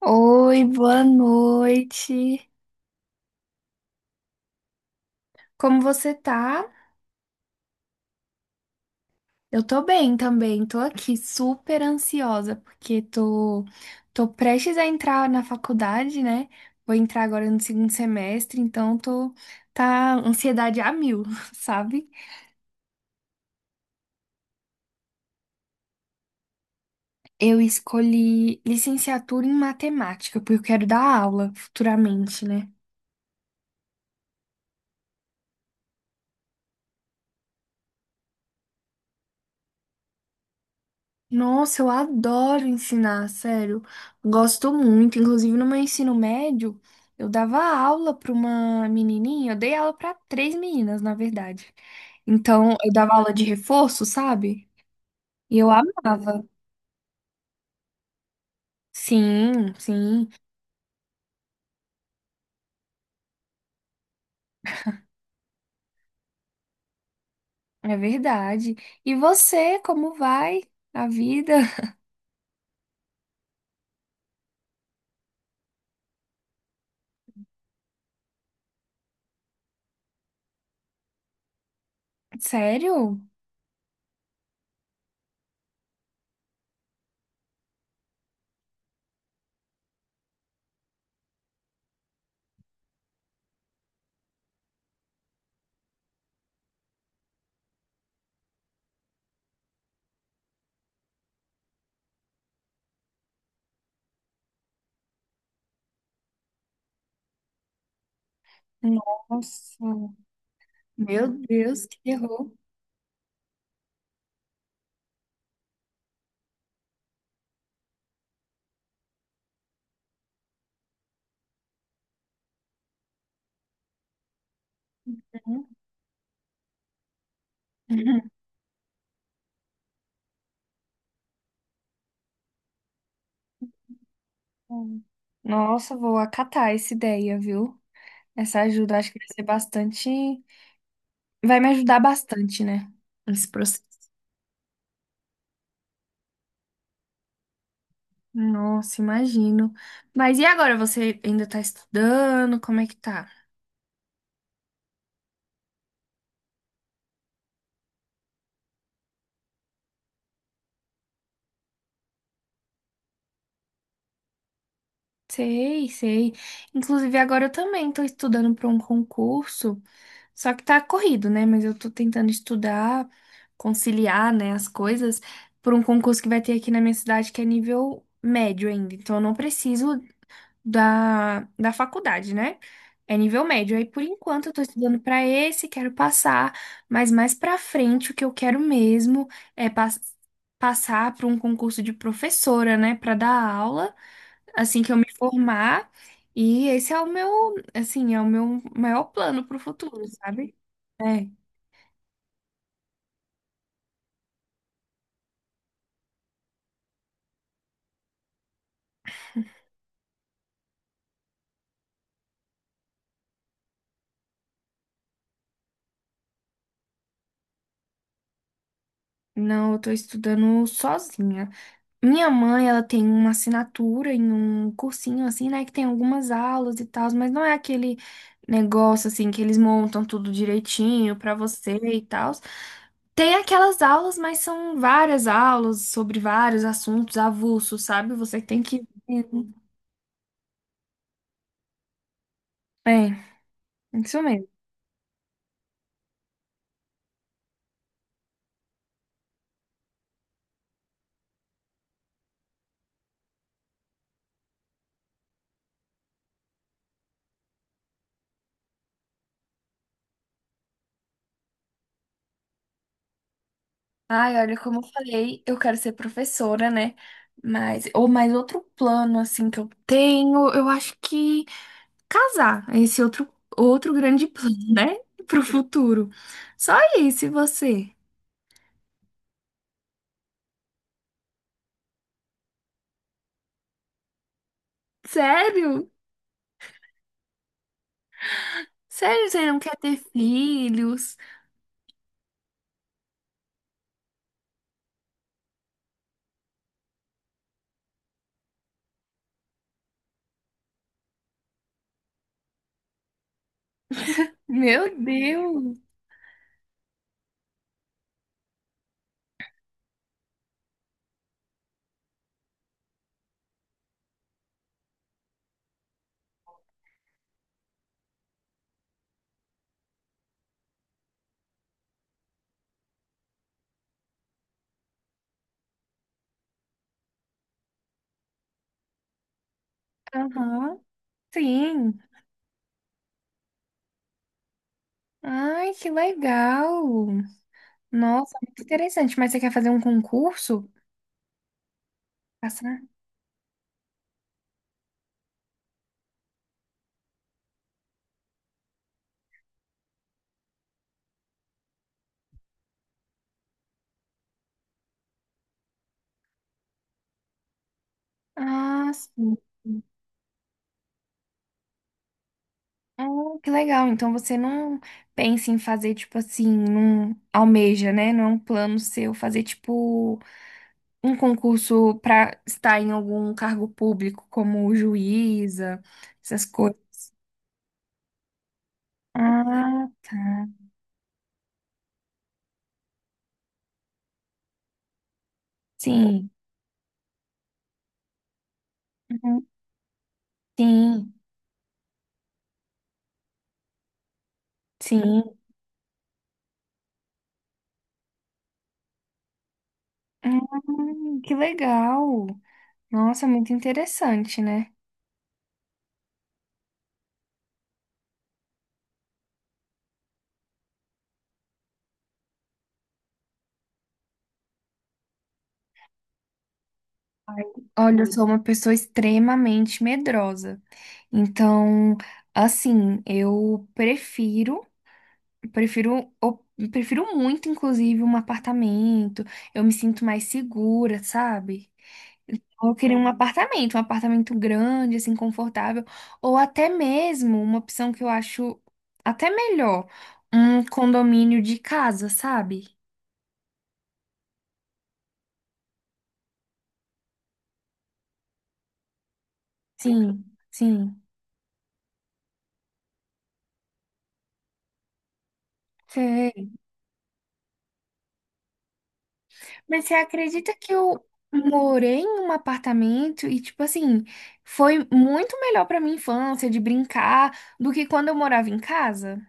Oi, boa noite. Como você tá? Eu tô bem também, tô aqui super ansiosa porque tô prestes a entrar na faculdade, né? Vou entrar agora no segundo semestre, então tô tá ansiedade a mil, sabe? Eu escolhi licenciatura em matemática porque eu quero dar aula futuramente, né? Nossa, eu adoro ensinar, sério. Gosto muito. Inclusive, no meu ensino médio, eu dava aula para uma menininha. Eu dei aula para três meninas, na verdade. Então, eu dava aula de reforço, sabe? E eu amava. Sim, sim, é verdade. E você, como vai a vida? Sério? Nossa, meu Deus, que terror. Uhum. Nossa, vou acatar essa ideia, viu? Essa ajuda, acho que vai ser bastante. Vai me ajudar bastante, né? Esse processo. Nossa, imagino. Mas e agora? Você ainda tá estudando? Como é que tá? Sei, sei. Inclusive, agora eu também tô estudando para um concurso. Só que tá corrido, né? Mas eu tô tentando estudar, conciliar, né, as coisas para um concurso que vai ter aqui na minha cidade que é nível médio ainda. Então eu não preciso da faculdade, né? É nível médio. Aí, por enquanto, eu tô estudando pra esse, quero passar, mas mais pra frente, o que eu quero mesmo é passar para um concurso de professora, né, pra dar aula, assim que eu me formar. E esse é o meu, assim, é o meu maior plano pro futuro, sabe? É, não, eu tô estudando sozinha. Minha mãe, ela tem uma assinatura em um cursinho assim, né, que tem algumas aulas e tal, mas não é aquele negócio assim que eles montam tudo direitinho pra você e tal. Tem aquelas aulas, mas são várias aulas sobre vários assuntos avulsos, sabe? Você tem que é, isso mesmo. Ai, olha, como eu falei, eu quero ser professora, né? Mas, ou mais outro plano, assim, que eu tenho, eu acho que casar. É, esse é outro, outro grande plano, né? Pro futuro. Só isso, e você? Sério? Sério, você não quer ter filhos? Meu Deus! Aham, sim. Ai, que legal! Nossa, muito interessante. Mas você quer fazer um concurso? Passar? Ah, sim. Ah, que legal. Então você não pensa em fazer, tipo assim, não almeja, né? Não é um plano seu fazer, tipo, um concurso para estar em algum cargo público, como juíza, essas coisas. Ah, tá. Sim. Uhum. Sim, sim. Que legal. Nossa, muito interessante, né? Olha, eu sou uma pessoa extremamente medrosa. Então, assim, eu prefiro muito, inclusive, um apartamento. Eu me sinto mais segura, sabe? Eu queria um apartamento grande, assim, confortável, ou até mesmo uma opção que eu acho até melhor, um condomínio de casa, sabe? Sim, sim. Sei. Mas você acredita que eu morei em um apartamento e, tipo assim, foi muito melhor pra minha infância de brincar do que quando eu morava em casa?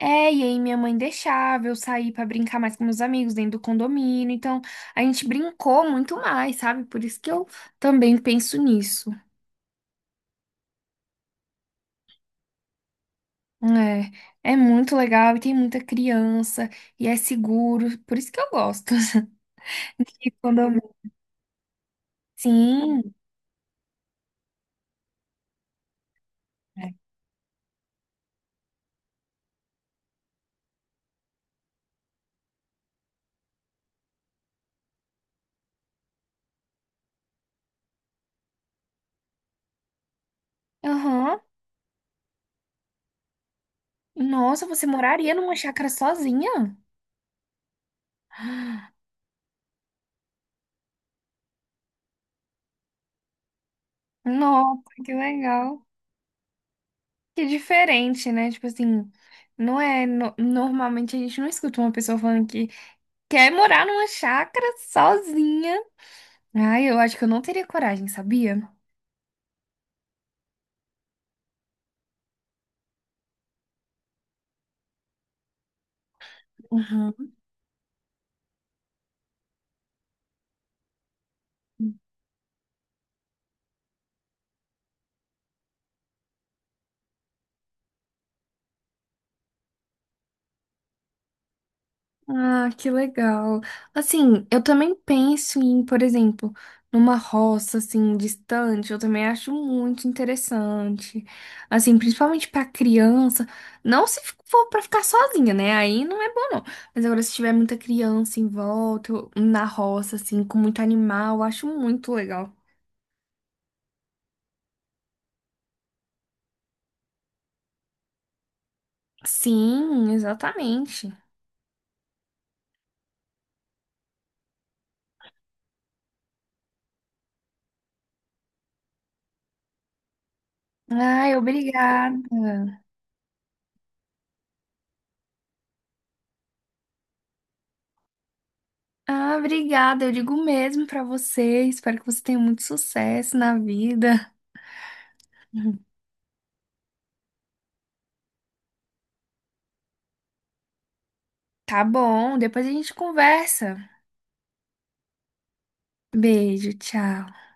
É, e aí minha mãe deixava eu sair pra brincar mais com meus amigos dentro do condomínio. Então, a gente brincou muito mais, sabe? Por isso que eu também penso nisso. É, é muito legal e tem muita criança e é seguro. Por isso que eu gosto de condomínio. Sim. Aham. Nossa, você moraria numa chácara sozinha? Nossa, que legal. Que diferente, né? Tipo assim, não é. Normalmente a gente não escuta uma pessoa falando que quer morar numa chácara sozinha? Ai, eu acho que eu não teria coragem, sabia? Uhum. Ah, que legal. Assim, eu também penso em, por exemplo, numa roça assim distante, eu também acho muito interessante. Assim, principalmente pra criança, não se for pra ficar sozinha, né? Aí não é bom não. Mas agora se tiver muita criança em volta, na roça assim, com muito animal, eu acho muito legal. Sim, exatamente. Ai, obrigada. Ah, obrigada. Eu digo o mesmo pra você. Espero que você tenha muito sucesso na vida. Tá bom, depois a gente conversa. Beijo, tchau.